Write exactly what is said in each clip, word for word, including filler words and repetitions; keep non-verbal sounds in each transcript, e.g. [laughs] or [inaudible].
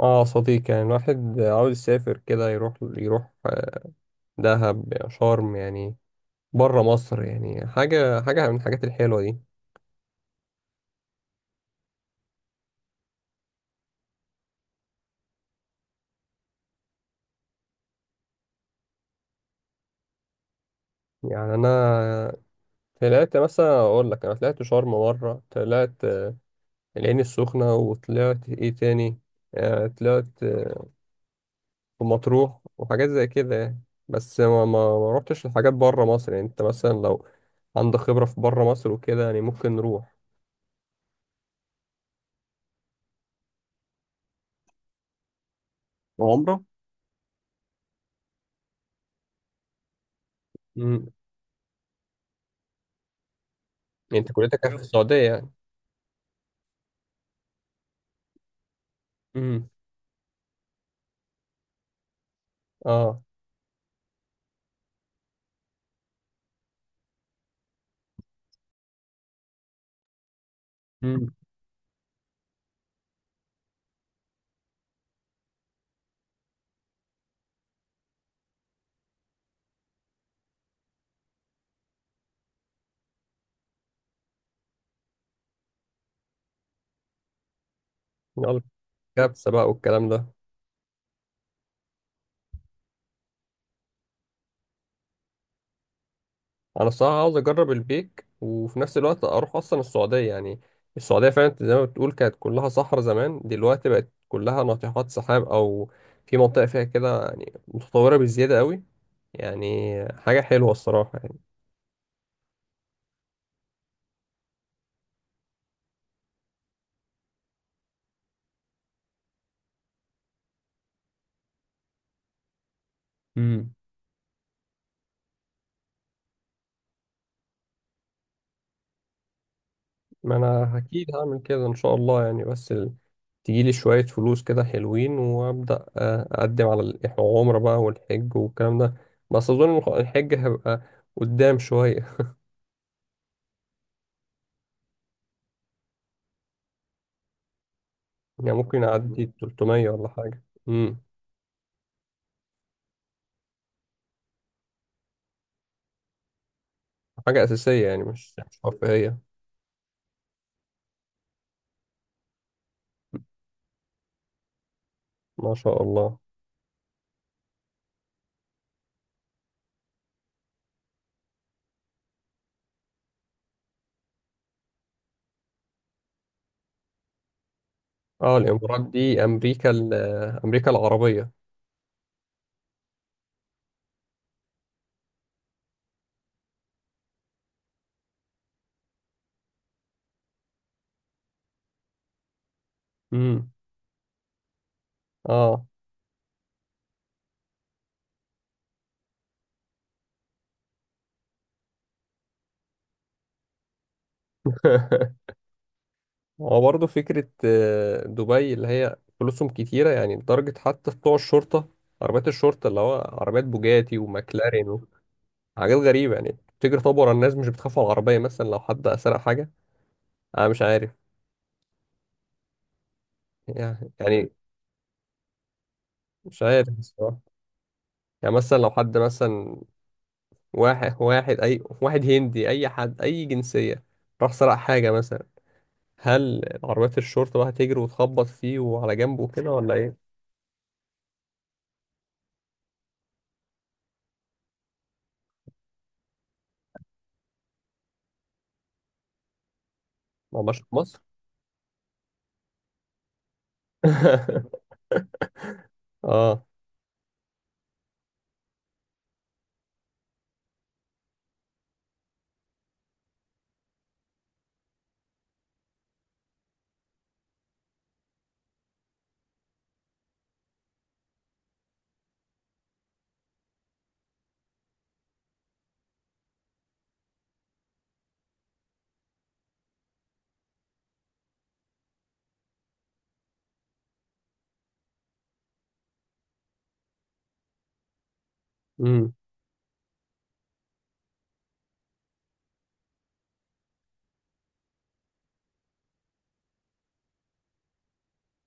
اه صديق، يعني الواحد عاوز يسافر كده يروح يروح دهب شرم، يعني بره مصر. يعني حاجة حاجة من الحاجات الحلوة دي. يعني أنا طلعت مثلا، أقول لك أنا طلعت شرم مرة، طلعت العين السخنة، وطلعت إيه تاني؟ آه، طلعت في مطروح وحاجات زي كده يعني. بس ما ما ما روحتش لحاجات بره مصر. يعني أنت مثلا لو عندك خبرة في بره مصر وكده، يعني ممكن نروح. عمرة. امم. يعني أنت كليتك كانت في السعودية يعني؟ امم. اه. امم. يلا. كبسة بقى والكلام ده. انا الصراحة عاوز اجرب البيك، وفي نفس الوقت اروح اصلا السعودية يعني. السعودية فعلا زي ما بتقول كانت كلها صحراء زمان، دلوقتي بقت كلها ناطحات سحاب، او في منطقة فيها كده يعني متطورة بزيادة قوي. يعني حاجة حلوة الصراحة يعني. امم. ما انا اكيد هعمل كده ان شاء الله يعني، بس ال... تجيلي شوية فلوس كده حلوين وابدأ، آه، اقدم على العمرة بقى والحج والكلام ده. بس اظن الحج هيبقى قدام شوية. يعني ممكن أعدي تلت ميه ولا حاجة. امم. حاجة أساسية، يعني مش مش رفاهية. ما شاء الله. اه الإمارات دي أمريكا ال- أمريكا العربية. امم. اه. [laughs] هو برضه فكرة، آه، دبي اللي هي فلوسهم كتيرة يعني، لدرجة حتى بتوع الشرطة، عربيات الشرطة اللي هو عربيات بوجاتي وماكلارين، وحاجات غريبة يعني تجري طابور على الناس. مش بتخاف على العربية مثلا لو حد سرق حاجة؟ أنا مش عارف. يعني. يعني مش عارف الصراحة. يعني مثلا لو حد مثلا، واحد واحد، اي واحد هندي، اي حد، اي جنسيه، راح سرق حاجه مثلا، هل عربيات الشرطه بقى هتجري وتخبط فيه وعلى جنبه كده ولا ايه؟ ما هماش في مصر. [laughs] اه. امم.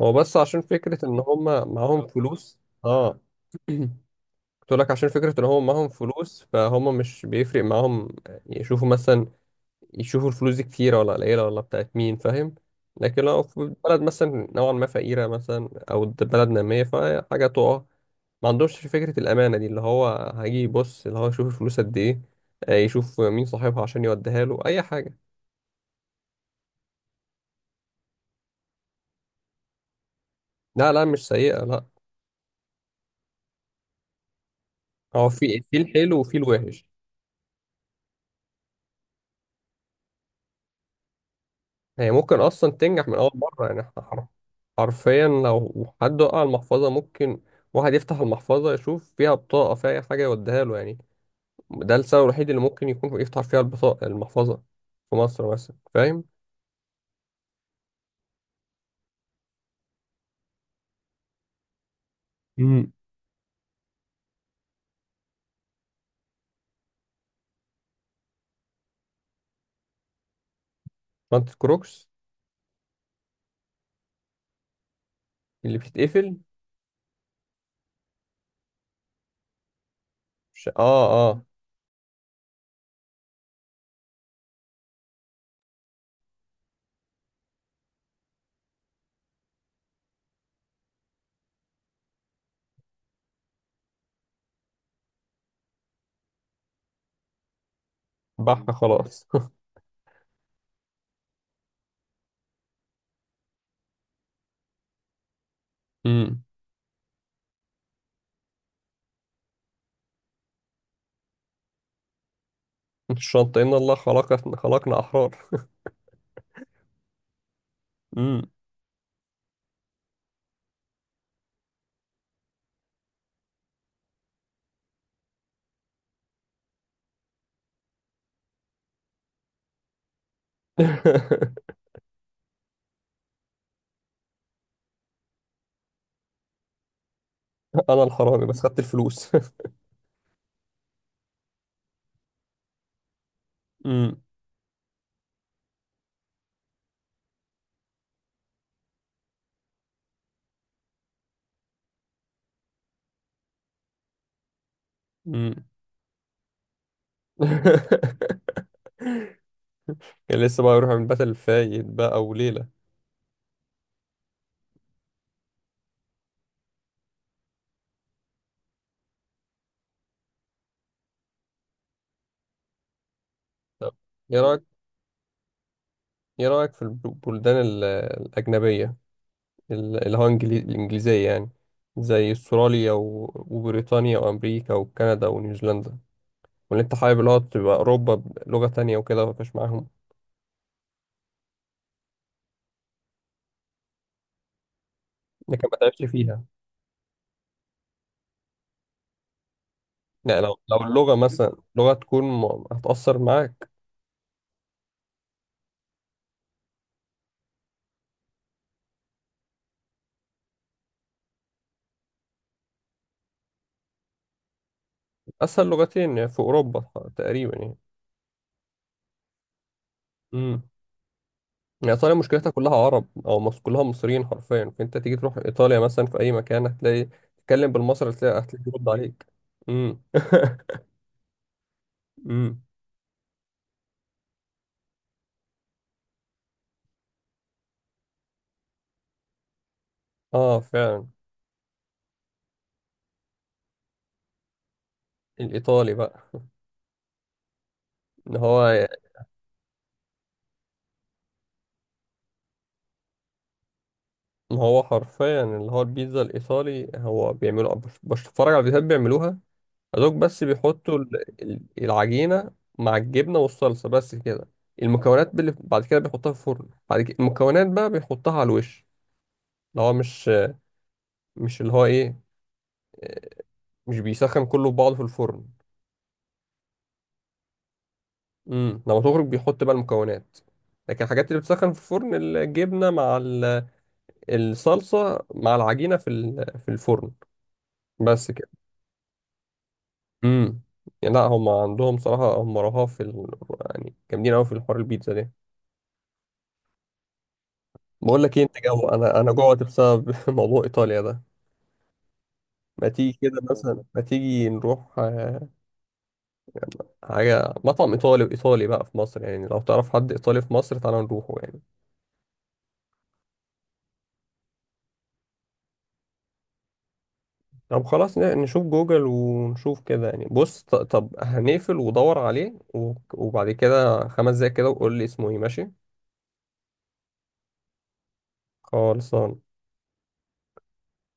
هو بس عشان فكره ان هم معاهم فلوس. اه. [clears throat] قلت لك، عشان فكره ان هم معاهم فلوس، فهم مش بيفرق معاهم. يشوفوا مثلا، يشوفوا الفلوس دي كتيره ولا قليله ولا بتاعت مين، فاهم؟ لكن لو في بلد مثلا نوعا ما فقيره، مثلا او بلد ناميه، فحاجه تقع، ما عندوش فكرة الأمانة دي. اللي هو هيجي يبص اللي هو يشوف الفلوس قد إيه، آه، يشوف مين صاحبها عشان يوديها له، أي حاجة. لا لا، مش سيئة لا. هو في في الحلو وفي الوحش. هي ممكن أصلا تنجح من أول مرة يعني. إحنا حر- حرفيا لو حد وقع المحفظة، ممكن واحد يفتح المحفظة، يشوف فيها بطاقة فيها أي حاجة يوديها له يعني. ده السبب الوحيد اللي ممكن يكون يفتح فيها البطاقة المحفظة في مصر مثلا، فاهم؟ امم. شنطة كروكس. اللي بتتقفل. ش- اه اه. بحة خلاص. [laughs] مم. الشنطة إن الله خلق خلقنا أحرار. مم. [laughs] أنا الحرامي بس خدت الفلوس. [laughs] مم. مم. [laughs] كان لسه بقى يروح من باتل فايت بقى وليلة. طب إيه رأيك، إيه رأيك في البلدان ال- الأجنبية، ال- اللي هو إنجلي- الإنجليزية يعني، زي أستراليا و- وبريطانيا وأمريكا وكندا ونيوزيلندا، ولا أنت حابب اللي هو تبقى أوروبا بلغة تانية وكده مفيش معاهم، لكن ما تعبش فيها؟ يعني لو لو اللغة مثلا، لغة تكون م- هتأثر معاك. أسهل لغتين يعني في أوروبا تقريبا يعني. امم. يعني إيطاليا مشكلتها كلها عرب، أو مص... كلها مصريين حرفيا. فأنت تيجي تروح إيطاليا مثلا، في أي مكان هتلاقي تتكلم بالمصري، هتلاقي هتلاقي بيرد عليك. امم. [laughs] امم. آه فعلا. الإيطالي بقى. إن هو إن هو حرفيا اللي هو البيتزا الإيطالي هو بيعملوا، بش- بتفرج على فيديوهات بيعملوها، دوك بس بيحطوا ال- ال- العجينة مع الجبنة والصلصة بس كده. المكونات اللي بعد كده بيحطها في الفرن، بعد كده المكونات بقى بيحطها على الوش. اللي هو مش، مش اللي هو ايه مش بيسخن كله في بعضه في الفرن. امم. لما تخرج بيحط بقى المكونات. لكن الحاجات اللي بتسخن في الفرن الجبنة مع ال- الصلصة مع العجينة في ال- في الفرن، بس كده. امم. يعني لا، هم عندهم صراحة هم رهاف في ال... يعني جامدين قوي في الحوار البيتزا ده. بقول لك ايه انت جو، انا انا جوعت بسبب [laughs] موضوع ايطاليا ده. ما تيجي كده مثلا، ما تيجي نروح، آه، حاجه مطعم ايطالي وايطالي بقى في مصر. يعني لو تعرف حد ايطالي في مصر، تعالى نروحه يعني. طب خلاص، ن- نشوف جوجل ونشوف كده يعني. بص، ط- طب هنقفل ودور عليه و- وبعد كده خمس دقايق كده وقول لي اسمه ايه، ماشي؟ خالص.